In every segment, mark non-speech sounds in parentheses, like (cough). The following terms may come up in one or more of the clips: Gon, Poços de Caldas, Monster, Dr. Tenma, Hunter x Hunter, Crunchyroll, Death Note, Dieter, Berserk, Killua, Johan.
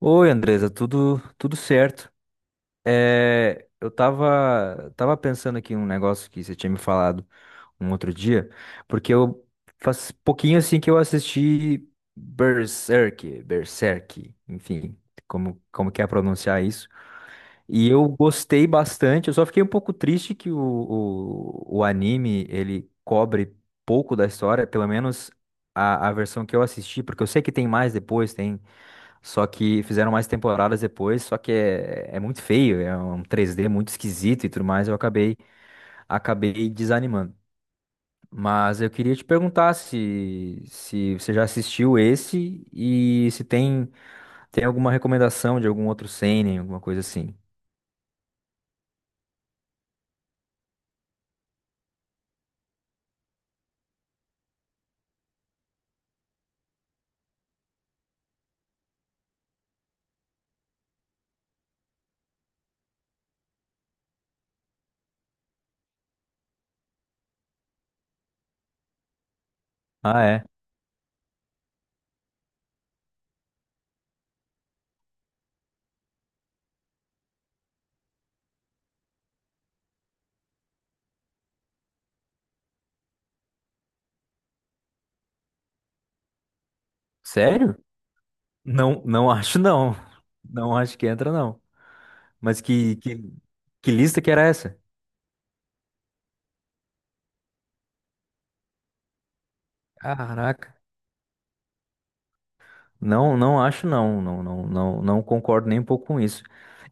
Oi, Andresa, tudo certo? Eu tava pensando aqui um negócio que você tinha me falado um outro dia, porque eu faz pouquinho assim que eu assisti Berserk, enfim, como que é pronunciar isso? E eu gostei bastante. Eu só fiquei um pouco triste que o anime ele cobre pouco da história, pelo menos a versão que eu assisti, porque eu sei que tem mais depois, tem só que fizeram mais temporadas depois, só que é, é muito feio, é um 3D muito esquisito e tudo mais, eu acabei desanimando. Mas eu queria te perguntar se você já assistiu esse e se tem alguma recomendação de algum outro seinen, alguma coisa assim. Ah, é? Sério? Não, não (laughs) acho não. Não acho que entra não. Mas que lista que era essa? Caraca. Não, não acho não, não, não, não, não concordo nem um pouco com isso.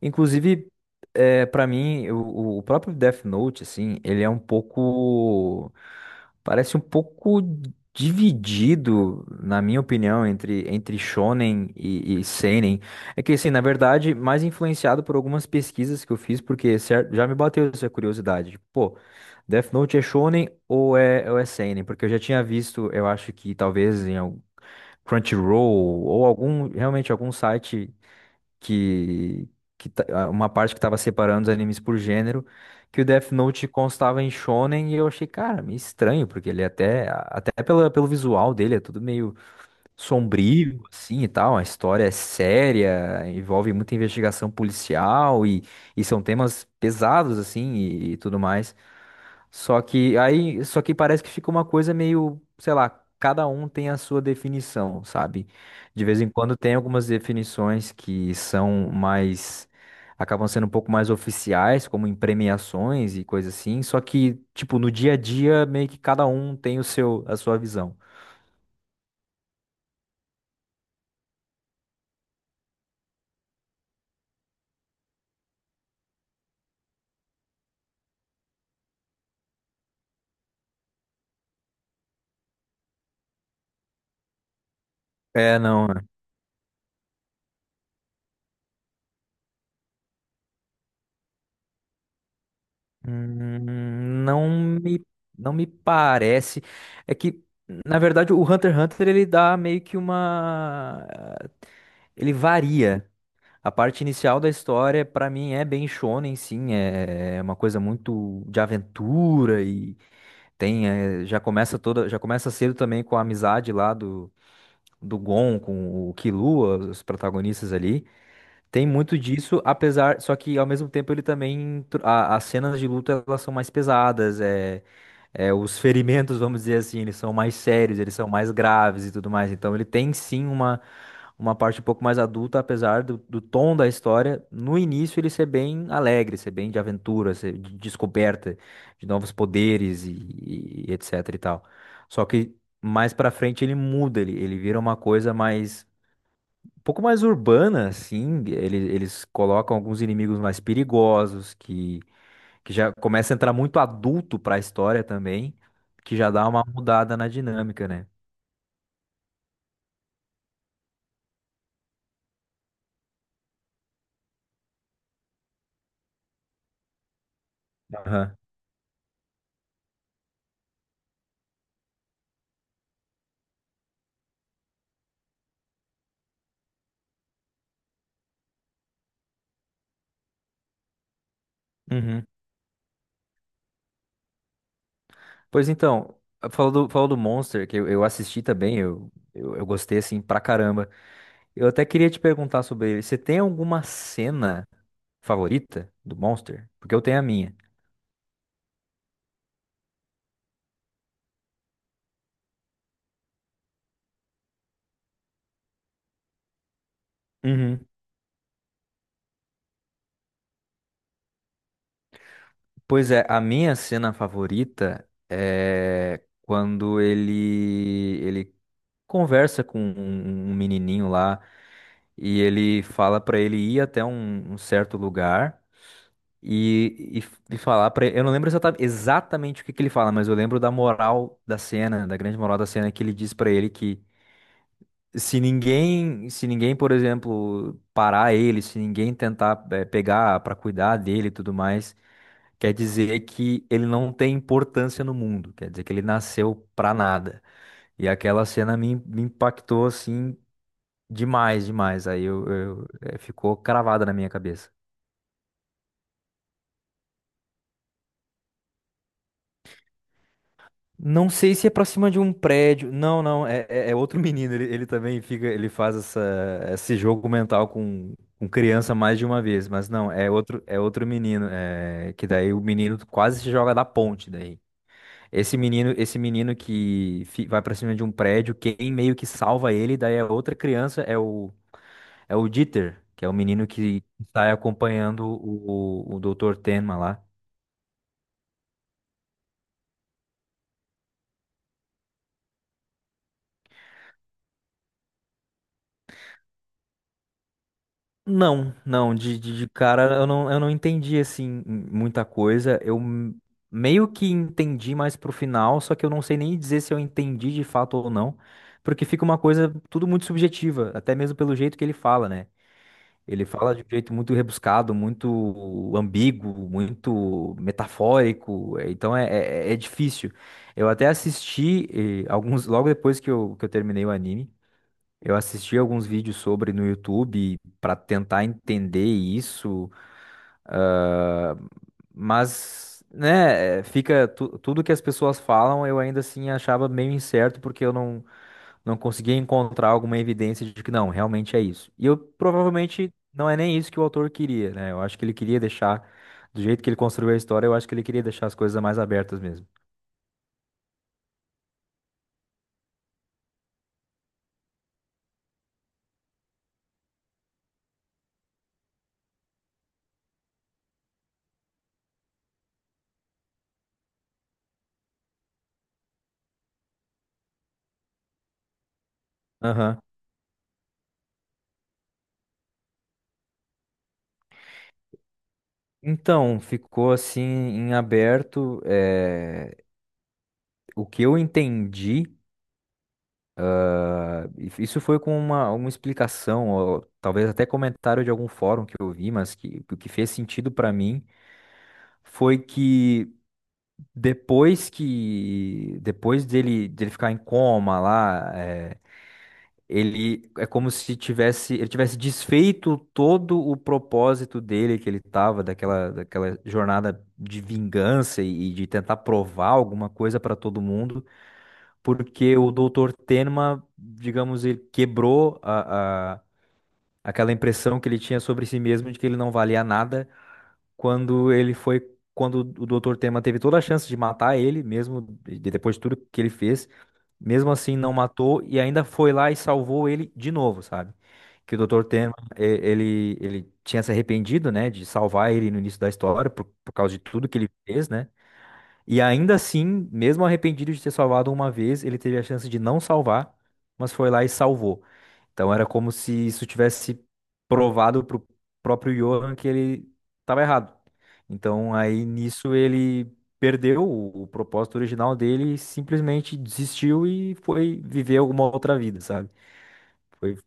Inclusive, é, para mim, o próprio Death Note, assim, ele é um pouco, parece um pouco dividido, na minha opinião, entre shonen e seinen. É que, assim, na verdade, mais influenciado por algumas pesquisas que eu fiz, porque já me bateu essa curiosidade. Tipo, pô, Death Note é shonen ou é seinen? Porque eu já tinha visto, eu acho que talvez em algum Crunchyroll ou algum realmente algum site que, uma parte que estava separando os animes por gênero, que o Death Note constava em shonen e eu achei, cara, meio estranho, porque ele é até pela, pelo visual dele é tudo meio sombrio, assim e tal. A história é séria, envolve muita investigação policial e são temas pesados, assim, e tudo mais. Só que parece que fica uma coisa meio, sei lá, cada um tem a sua definição, sabe? De vez em quando tem algumas definições que são mais. Acabam sendo um pouco mais oficiais, como em premiações e coisa assim. Só que, tipo, no dia a dia, meio que cada um tem o seu, a sua visão. É, não. Hum, não me, não me parece. É que, na verdade, o Hunter x Hunter ele dá meio que uma. Ele varia. A parte inicial da história, pra mim, é bem shonen, sim. É uma coisa muito de aventura e tem. É, já começa cedo também com a amizade lá do, do Gon com o Killua, os protagonistas ali. Tem muito disso, apesar, só que ao mesmo tempo ele também, as cenas de luta elas são mais pesadas, é, é, os ferimentos, vamos dizer assim, eles são mais sérios, eles são mais graves e tudo mais, então ele tem sim uma parte um pouco mais adulta, apesar do, do tom da história, no início ele ser bem alegre, ser bem de aventura, ser de descoberta de novos poderes e etc e tal, só que mais pra frente ele muda, ele vira uma coisa mais um pouco mais urbana, assim, eles colocam alguns inimigos mais perigosos, que já começa a entrar muito adulto pra história também, que já dá uma mudada na dinâmica, né? Aham. Uhum. Pois então, falou do Monster, que eu assisti também, eu gostei, assim, pra caramba. Eu até queria te perguntar sobre ele, você tem alguma cena favorita do Monster? Porque eu tenho a minha. Uhum. Pois é, a minha cena favorita é quando ele conversa com um, um um menininho lá e ele fala pra ele ir até um, um certo lugar e, e falar pra ele. Eu não lembro exatamente o que que ele fala, mas eu lembro da moral da cena, da grande moral da cena que ele diz pra ele que se ninguém, por exemplo, parar ele, se ninguém tentar pegar pra cuidar dele e tudo mais. Quer dizer que ele não tem importância no mundo, quer dizer que ele nasceu pra nada. E aquela cena me impactou assim demais, demais. Aí eu- eh, ficou cravada na minha cabeça. Não sei se é pra cima de um prédio. Não, não, é outro (laughs) menino. Ele também fica, esse jogo mental com criança mais de uma vez, mas não, é outro menino. É, que daí o menino quase se joga da ponte daí. Esse menino que vai pra cima de um prédio, quem meio que salva ele, daí a outra criança é o é o Dieter, que é o menino que sai acompanhando o, Dr. Tenma lá. Não, não, de cara eu não entendi assim muita coisa. Meio que entendi mais pro final, só que eu não sei nem dizer se eu entendi de fato ou não, porque fica uma coisa tudo muito subjetiva, até mesmo pelo jeito que ele fala, né? Ele fala de um jeito muito rebuscado, muito ambíguo, muito metafórico, então é, é é difícil. Eu até assisti alguns, logo depois que eu terminei o anime, eu assisti alguns vídeos sobre no YouTube para tentar entender isso, ah, mas, né, fica tudo que as pessoas falam, eu ainda assim achava meio incerto porque eu não conseguia encontrar alguma evidência de que não, realmente é isso. E eu provavelmente não é nem isso que o autor queria, né? Eu acho que ele queria deixar, do jeito que ele construiu a história, eu acho que ele queria deixar as coisas mais abertas mesmo. Aham. Então, ficou assim em aberto. O que eu entendi, ah, isso foi com uma explicação, ou talvez até comentário de algum fórum que eu vi, mas que, o que fez sentido pra mim foi que. Depois dele, dele ficar em coma lá, é, ele é como se tivesse, ele tivesse desfeito todo o propósito dele que ele tava, daquela, daquela jornada de vingança e de tentar provar alguma coisa para todo mundo, porque o doutor Tenma, digamos, ele quebrou a, aquela impressão que ele tinha sobre si mesmo de que ele não valia nada quando ele foi, quando o Dr. Tema teve toda a chance de matar ele, mesmo depois de tudo que ele fez, mesmo assim não matou e ainda foi lá e salvou ele de novo, sabe? Que o Dr. Tema, ele, ele tinha se arrependido, né, de salvar ele no início da história por causa de tudo que ele fez, né? E ainda assim, mesmo arrependido de ter salvado uma vez, ele teve a chance de não salvar, mas foi lá e salvou. Então era como se isso tivesse provado pro próprio Johan que ele estava errado. Então aí nisso ele perdeu o propósito original dele, e simplesmente desistiu e foi viver alguma outra vida, sabe? Foi,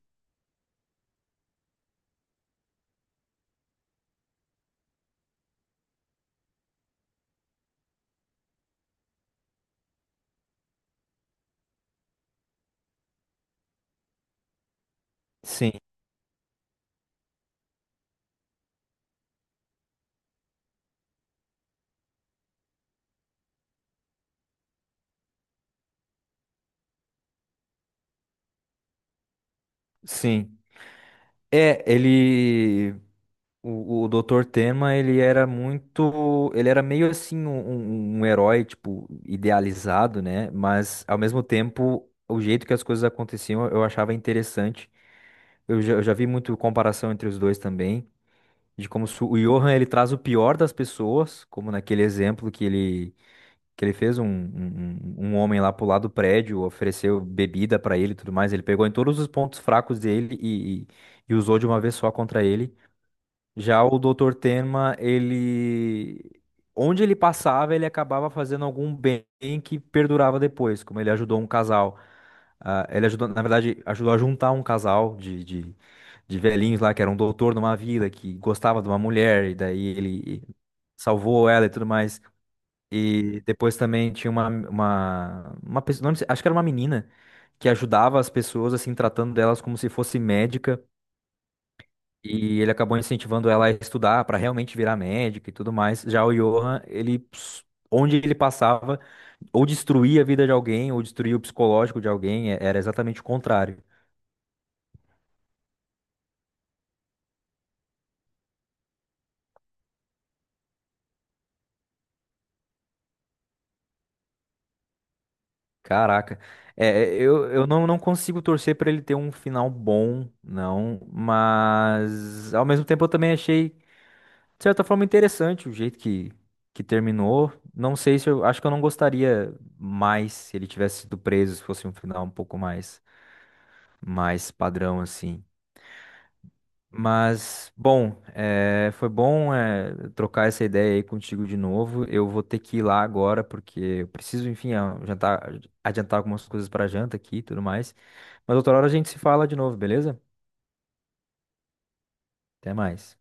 sim, sim. É, ele. O doutor Tema, ele era muito. Ele era meio assim um, um herói, tipo, idealizado, né? Mas, ao mesmo tempo, o jeito que as coisas aconteciam eu achava interessante. Eu já vi muito comparação entre os dois também, de como se o Johan ele traz o pior das pessoas, como naquele exemplo que ele fez um, um, um um homem lá pro lado do prédio, ofereceu bebida pra ele e tudo mais. Ele pegou em todos os pontos fracos dele e e usou de uma vez só contra ele. Já o doutor Tenma, ele. Onde ele passava, ele acabava fazendo algum bem que perdurava depois, como ele ajudou um casal. Ah, ele ajudou, na verdade, ajudou a juntar um casal de velhinhos lá, que era um doutor numa vila, que gostava de uma mulher, e daí ele salvou ela e tudo mais. E depois também tinha uma pessoa, não sei, acho que era uma menina, que ajudava as pessoas, assim, tratando delas como se fosse médica. E ele acabou incentivando ela a estudar para realmente virar médica e tudo mais. Já o Johan, ele, onde ele passava, ou destruía a vida de alguém, ou destruía o psicológico de alguém, era exatamente o contrário. Caraca, é, é, eu não, não consigo torcer para ele ter um final bom, não, mas ao mesmo tempo eu também achei, de certa forma, interessante o jeito que terminou. Não sei se eu acho que eu não gostaria mais se ele tivesse sido preso, se fosse um final um pouco mais. Mais padrão assim. Mas, bom, foi bom trocar essa ideia aí contigo de novo. Eu vou ter que ir lá agora, porque eu preciso, enfim, jantar, adiantar algumas coisas para janta aqui e tudo mais. Mas outra hora a gente se fala de novo, beleza? Até mais.